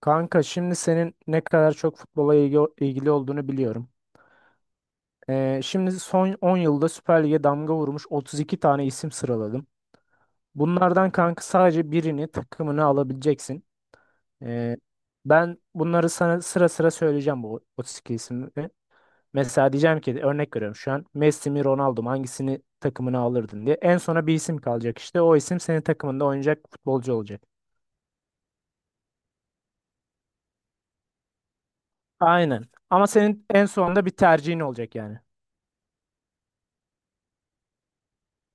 Kanka şimdi senin ne kadar çok futbola ilgili olduğunu biliyorum. Şimdi son 10 yılda Süper Lig'e damga vurmuş 32 tane isim sıraladım. Bunlardan kanka sadece birini takımını alabileceksin. Ee, ben bunları sana sıra sıra söyleyeceğim bu 32 ismi. Mesela diyeceğim ki örnek veriyorum şu an Messi mi Ronaldo mu hangisini takımına alırdın diye. En sona bir isim kalacak işte o isim senin takımında oynayacak futbolcu olacak. Aynen ama senin en sonunda bir tercihin olacak yani.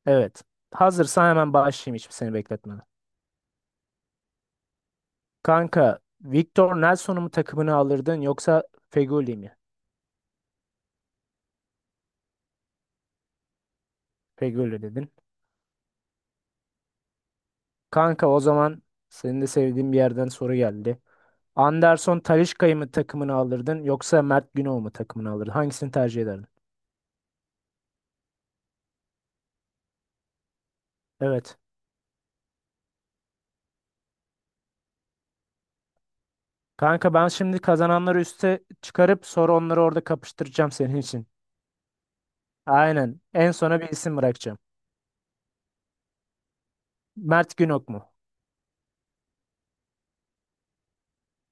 Evet. Hazırsan hemen başlayayım hiç seni bekletmeden. Kanka, Victor Nelson'u mu takımını alırdın yoksa Fegoli mi? Fegoli dedin. Kanka o zaman senin de sevdiğin bir yerden soru geldi. Anderson Talisca'yı mı takımını alırdın yoksa Mert Günok'u mu takımını alırdın? Hangisini tercih ederdin? Evet. Kanka ben şimdi kazananları üste çıkarıp sonra onları orada kapıştıracağım senin için. Aynen. En sona bir isim bırakacağım. Mert Günok mu?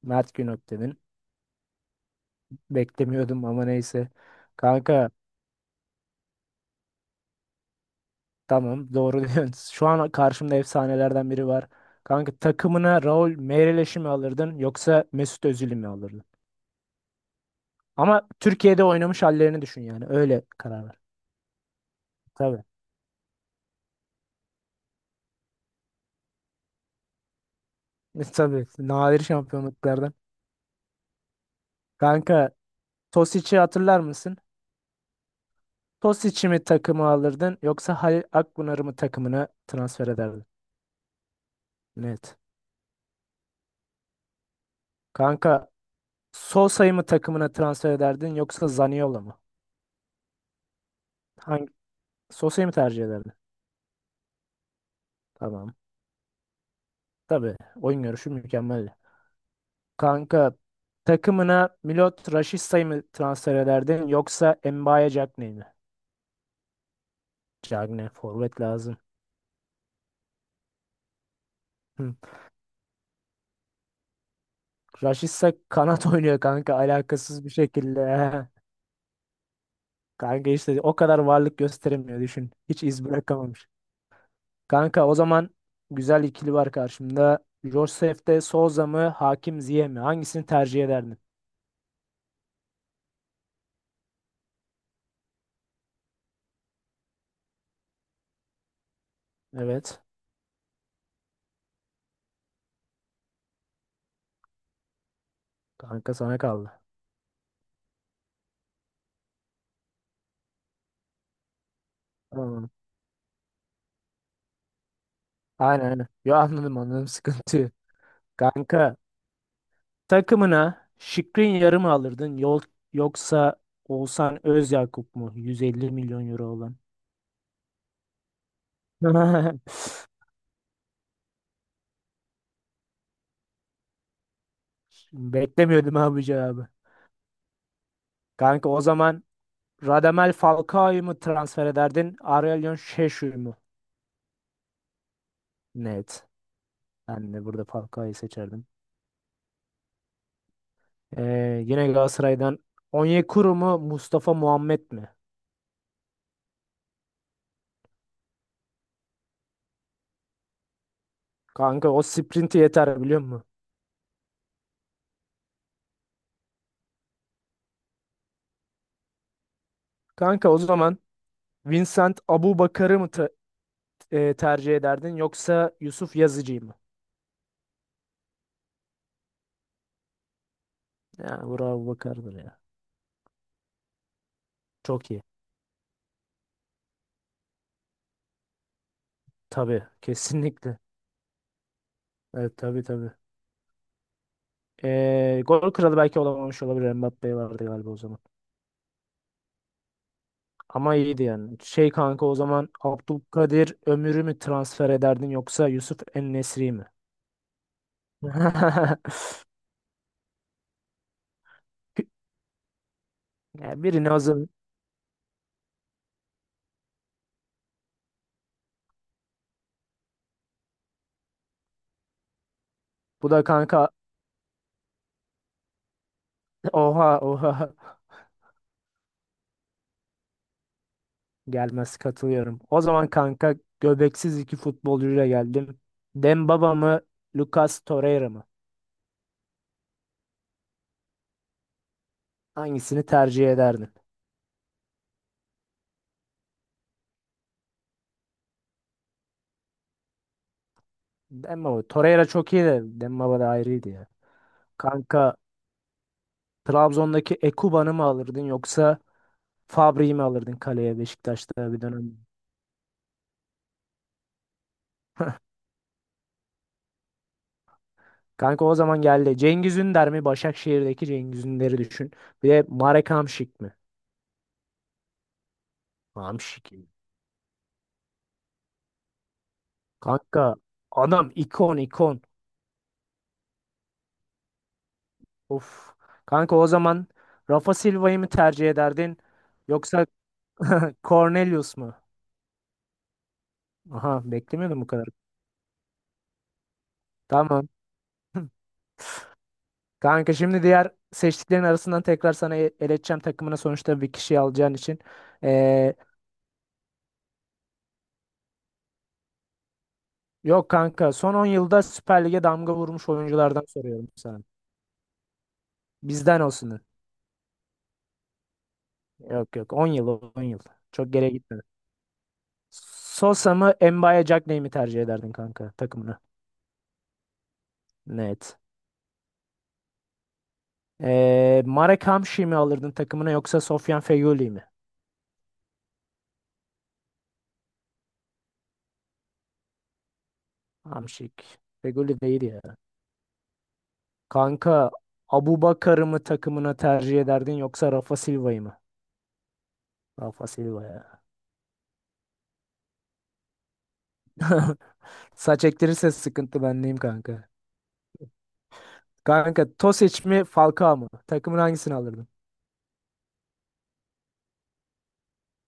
Mert Günok dedin. Beklemiyordum ama neyse. Kanka tamam, doğru diyorsun. Şu an karşımda efsanelerden biri var. Kanka takımına Raul Meireles mi alırdın yoksa Mesut Özil'i mi alırdın? Ama Türkiye'de oynamış hallerini düşün yani. Öyle karar ver. Tabii. Tabii. Nadir şampiyonluklardan. Kanka, Tosic'i hatırlar mısın? Tosic'i mi takımı alırdın yoksa Halil Akpınar'ı mı takımına transfer ederdin? Net. Kanka Sosa'yı mı takımına transfer ederdin yoksa Zaniolo mu? Hangi Sosa'yı mı tercih ederdin? Tamam. Tabii. Oyun görüşü mükemmel. Kanka takımına Milot Rashica mı transfer ederdin yoksa Mbaye Diagne mi? Diagne, forvet lazım. Hı. Rashica kanat oynuyor kanka, alakasız bir şekilde. Kanka işte o kadar varlık gösteremiyor, düşün. Hiç iz bırakamamış. Kanka o zaman güzel ikili var karşımda. Josef de Souza mı Hakim Ziyech mi? Hangisini tercih ederdin? Evet. Kanka sana kaldı. Tamam. Aynen, aynen. Yo, anladım, anladım, sıkıntı yok. Kanka takımına Şikrin yarı mı alırdın yoksa Oğuzhan Özyakup mu? 150 milyon euro olan. Beklemiyordum abi bu cevabı. Kanka o zaman Radamel Falcao'yu mu transfer ederdin? Aurelien Şeşu'yu mu? Net. Ben de burada Falcao'yu seçerdim. Yine Galatasaray'dan Onyekuru mu Mustafa Muhammed mi? Kanka o sprinti yeter, biliyor musun? Kanka o zaman Vincent Abubakar'ı mı tercih ederdin yoksa Yusuf Yazıcı'yı mı? Yani bravo Bakar'dır ya. Çok iyi. Tabii. Kesinlikle. Evet, tabii, tabii. Gol kralı belki olamamış olabilir. Mbappe vardı galiba o zaman. Ama iyiydi yani. Şey kanka o zaman Abdülkadir Ömür'ü mü transfer ederdin yoksa Yusuf En-Nesyri mi? Ya birini o. Bu da kanka. Oha, oha. Gelmez, katılıyorum. O zaman kanka göbeksiz iki futbolcuyla geldim. Dembaba mı Lucas Torreira mı? Hangisini tercih ederdin? Dembaba. Torreira çok iyi de Dembaba da ayrıydı ya. Kanka Trabzon'daki Ekuban'ı mı alırdın yoksa Fabri'yi mi alırdın kaleye Beşiktaş'ta bir dönem? Kanka o zaman geldi. Cengiz Ünder mi? Başakşehir'deki Cengiz Ünder'i düşün. Bir de Marek Hamšík mi? Hamšík, iyi. Kanka adam ikon, ikon. Of. Kanka o zaman Rafa Silva'yı mı tercih ederdin? Yoksa Cornelius mu? Aha, beklemiyordum bu kadar. Tamam. Kanka şimdi diğer seçtiklerin arasından tekrar sana eleyeceğim, takımına sonuçta bir kişi alacağın için. Ee, yok kanka, son 10 yılda Süper Lig'e damga vurmuş oyunculardan soruyorum sana. Bizden olsun. Yok, yok, 10 yıl, 10 yıl. Çok geriye gitmedi. Sosa mı Mbaye Jack mi tercih ederdin kanka takımına? Net. Marek Hamşik'i mi alırdın takımına yoksa Sofyan Feghouli mi? Hamşik. Feghouli değil ya. Kanka Abubakar'ı mı takımına tercih ederdin yoksa Rafa Silva'yı mı? Rafa Silva ya. Saç ektirirse sıkıntı bendeyim kanka. Kanka Tosic mi Falcao mu? Takımın hangisini alırdın?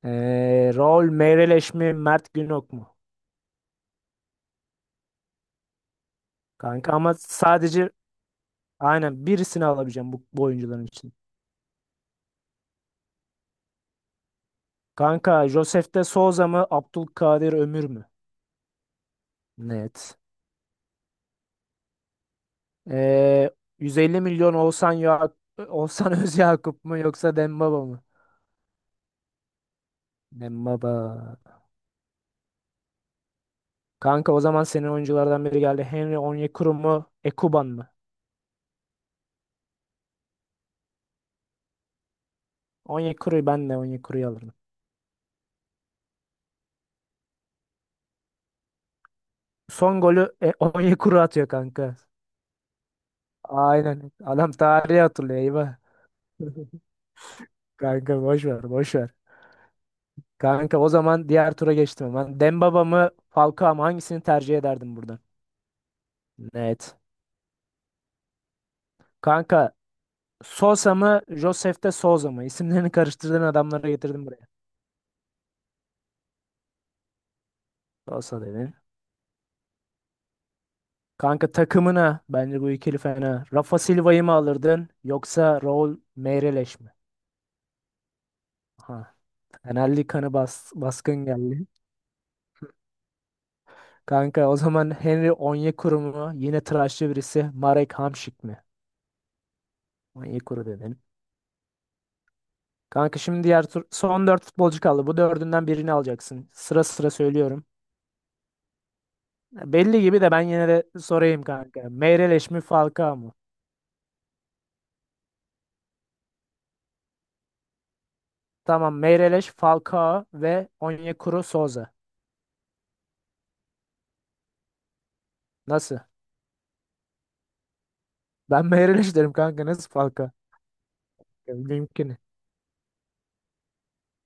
Raul Meireles mi Mert Günok mu? Kanka ama sadece aynen birisini alabileceğim bu oyuncuların için. Kanka Josef de Souza mı Abdülkadir Ömür mü? Net. Ee, 150 milyon Oğuzhan, ya Oğuzhan Özyakup mu yoksa Dembaba mı? Dembaba. Kanka o zaman senin oyunculardan biri geldi. Henry Onyekuru mu? Ekuban mı? Onyekuru'yu, ben de Onyekuru'yu alırım. Son golü Onyekuru atıyor kanka. Aynen. Adam tarihi hatırlıyor, eyvah. Kanka boş ver, boş ver. Kanka o zaman diğer tura geçtim hemen. Dembaba mı Falcao mı, hangisini tercih ederdim burada? Net. Kanka Sosa mı Josef de Souza mı? İsimlerini karıştırdığın adamları getirdim buraya. Sosa dedin. Kanka takımına bence bu ikili fena. Rafa Silva'yı mı alırdın yoksa Raul Meireles mi? Ha, Fenerli kanı baskın geldi. Kanka o zaman Henry Onyekuru mu? Yine tıraşlı birisi. Marek Hamšík mi? Onyekuru dedin. Kanka şimdi diğer tur, son 4 futbolcu kaldı. Bu dördünden birini alacaksın. Sıra sıra söylüyorum. Belli gibi de ben yine de sorayım kanka. Meireles mi Falcao mu? Tamam, Meireles, Falcao ve Onyekuru, Souza. Nasıl? Ben Meireles derim kanka. Nasıl Falcao? Ya, mümkün.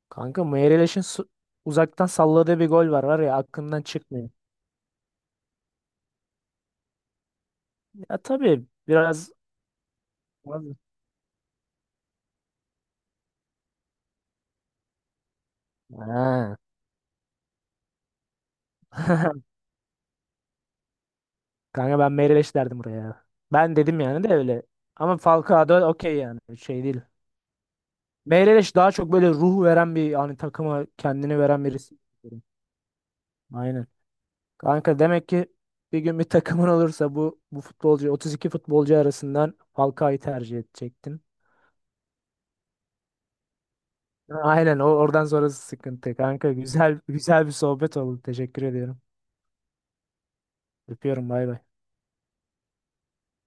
Kanka Meireles'in uzaktan salladığı bir gol var ya, aklımdan çıkmıyor. Ya tabii biraz... Ha. Kanka ben Meireles derdim buraya. Ben dedim yani, de öyle. Ama Falcao da okey yani, şey değil. Meireles daha çok böyle ruh veren, bir hani takıma kendini veren birisi. Aynen. Kanka demek ki bir gün bir takımın olursa bu futbolcu 32 futbolcu arasından Falcao'yu tercih edecektin. Aynen o, oradan sonrası sıkıntı. Kanka güzel güzel bir sohbet oldu. Teşekkür ediyorum. Öpüyorum, bay bay.